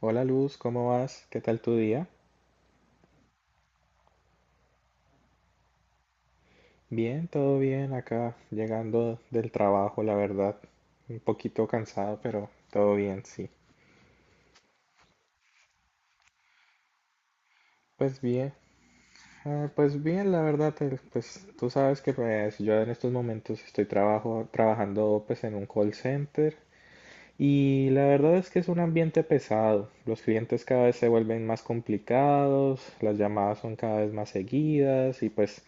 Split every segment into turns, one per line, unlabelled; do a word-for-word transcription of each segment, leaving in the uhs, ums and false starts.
Hola Luz, ¿cómo vas? ¿Qué tal tu día? Bien, todo bien acá, llegando del trabajo, la verdad. Un poquito cansado, pero todo bien, sí. Pues bien, ah, pues bien, la verdad, eh, pues tú sabes que pues, yo en estos momentos estoy trabajo, trabajando pues en un call center. Y la verdad es que es un ambiente pesado. Los clientes cada vez se vuelven más complicados, las llamadas son cada vez más seguidas y pues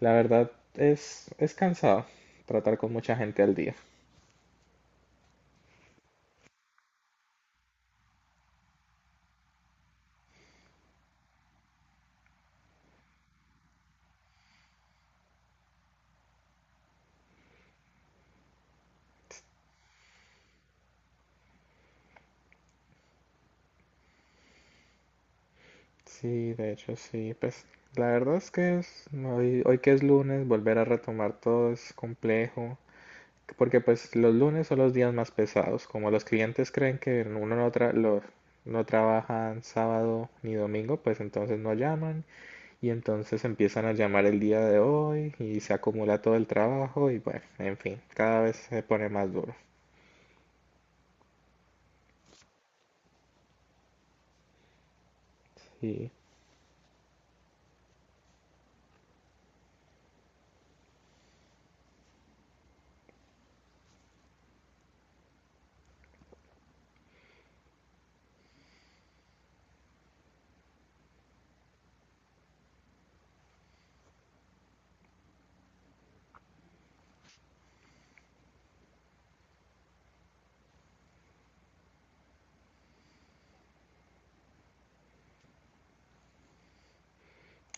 la verdad es, es cansado tratar con mucha gente al día. Sí, de hecho sí, pues la verdad es que es, hoy, hoy que es lunes, volver a retomar todo es complejo, porque pues los lunes son los días más pesados, como los clientes creen que uno no, tra- lo- no trabajan sábado ni domingo, pues entonces no llaman. Y entonces empiezan a llamar el día de hoy y se acumula todo el trabajo y bueno, en fin, cada vez se pone más duro. Sí,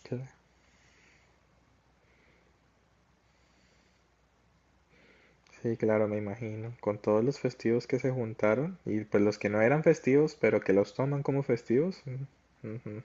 cl- sí, claro, me imagino. Con todos los festivos que se juntaron y pues los que no eran festivos, pero que los toman como festivos. Mm, ujú.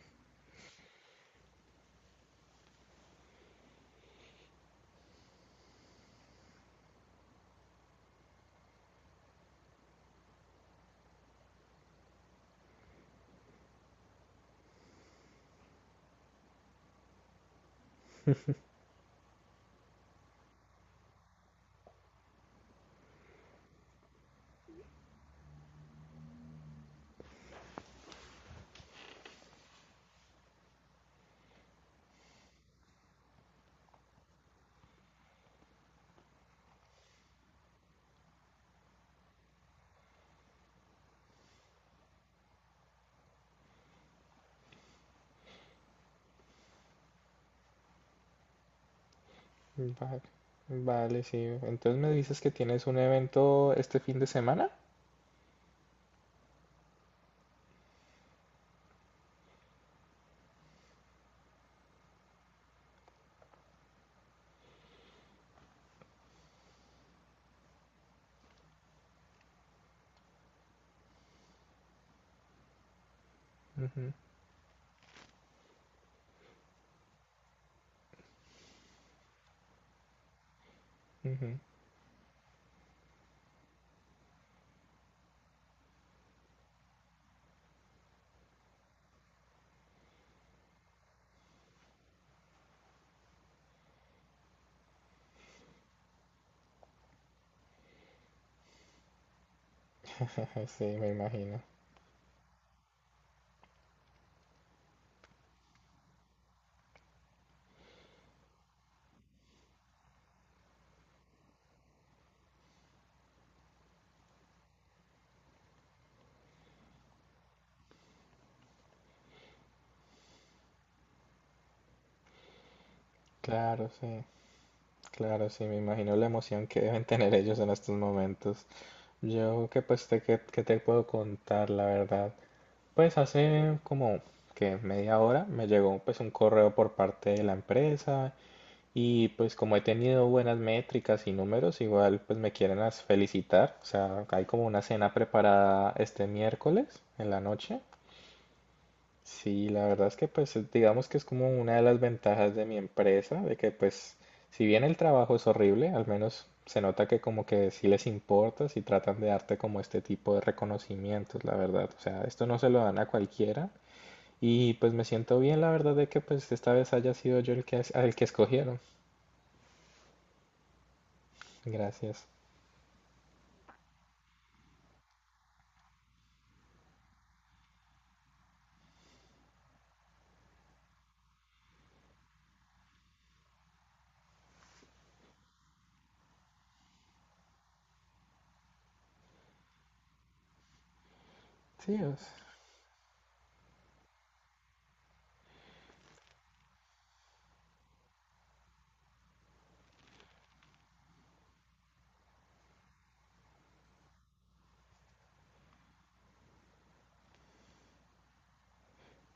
Vale, vale, sí. Entonces me dices que tienes un evento este fin de semana. Ujú, ujú. Sí, me imagino. Claro, sí. Claro, sí, me imagino la emoción que deben tener ellos en estos momentos. Yo que pues te, que, que te puedo contar la verdad. Pues hace como que media hora me llegó pues un correo por parte de la empresa y pues como he tenido buenas métricas y números, igual pues me quieren as- felicitar. O sea, hay como una cena preparada este miércoles en la noche. Sí, la verdad es que pues es- digamos que es como una de las ventajas de mi empresa, de que pues si bien el trabajo es horrible, al menos se nota que como que sí les importa, si tratan de darte como este tipo de reconocimientos, la verdad. O sea, esto no se lo dan a cualquiera y pues me siento bien, la verdad, de que pues esta vez haya sido yo el que, es- al que escogieron. Gracias. Sí, o s-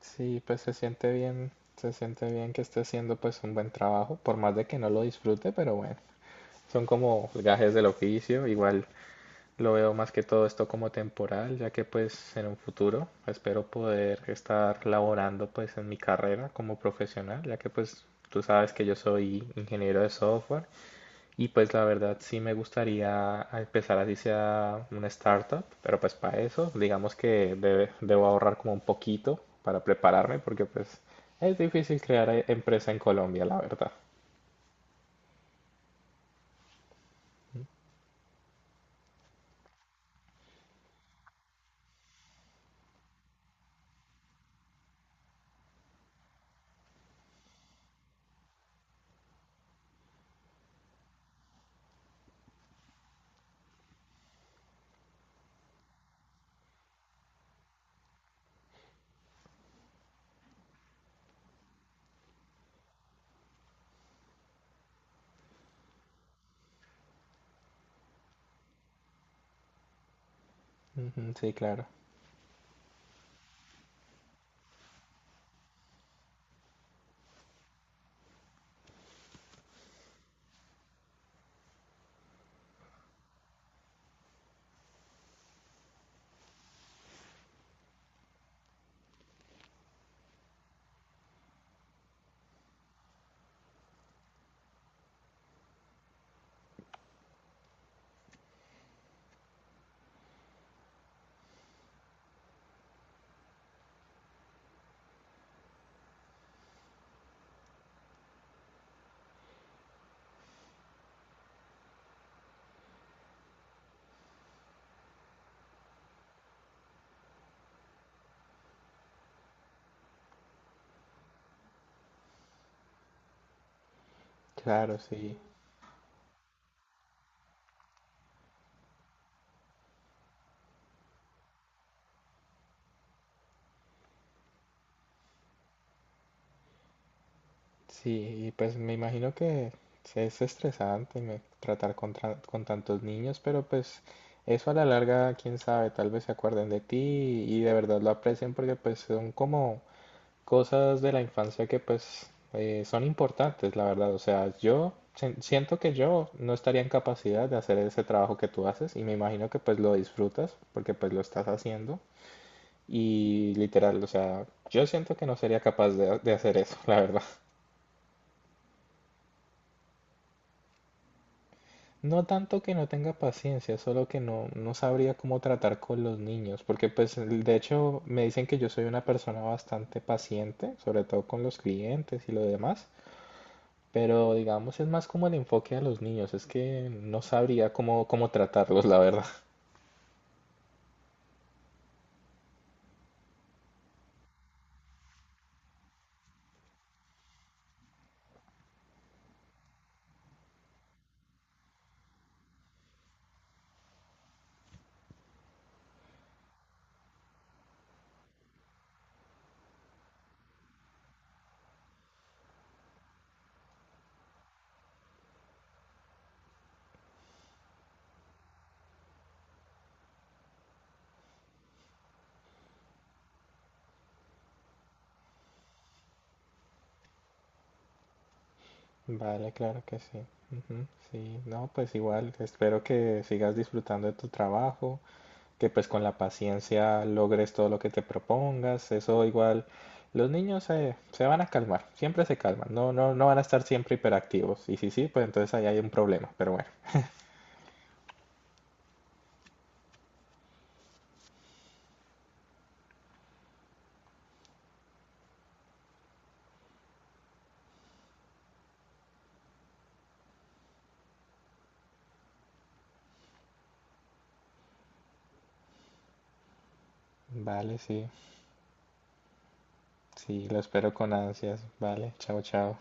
sí, pues se siente bien, se siente bien que esté haciendo pues un buen trabajo, por más de que no lo disfrute, pero bueno. Son como gajes del oficio, igual. Lo veo más que todo esto como temporal, ya que pues en un futuro espero poder estar laborando pues en mi carrera como profesional, ya que pues tú sabes que yo soy ingeniero de software y pues la verdad sí me gustaría empezar así sea una startup, pero pues para eso digamos que debe- debo ahorrar como un poquito para prepararme porque pues es difícil crear eh, empresa en Colombia, la verdad. Ujú, sí, claro, claro, sí. Sí, y pues me imagino que es estresante me- tratar con, tra- con tantos niños, pero pues eso a la larga, quién sabe, tal vez se acuerden de ti y de verdad lo aprecien porque pues son como cosas de la infancia que pues eh, son importantes, la verdad. O sea, yo sen- siento que yo no estaría en capacidad de hacer ese trabajo que tú haces y me imagino que pues lo disfrutas porque pues lo estás haciendo y literal, o sea, yo siento que no sería capaz de de hacer eso, la verdad. No tanto que no tenga paciencia, solo que no, no sabría cómo tratar con los niños, porque pues el- de hecho me dicen que yo soy una persona bastante paciente, sobre todo con los clientes y lo demás, pero digamos es más como el enfoque a los niños, es que no sabría cómo, cómo tratarlos, la verdad. Vale, claro que sí. Ujú, sí, no, pues igual, espero que sigas disfrutando de tu trabajo que pues con la paciencia logres todo lo que te propongas, eso igual, los niños eh, se van a calmar, siempre se calman, no, no, no van a estar siempre hiperactivos, y si sí, pues entonces ahí hay un problema, pero bueno, vale, sí, sí, lo espero con ansias, vale, chao, chao.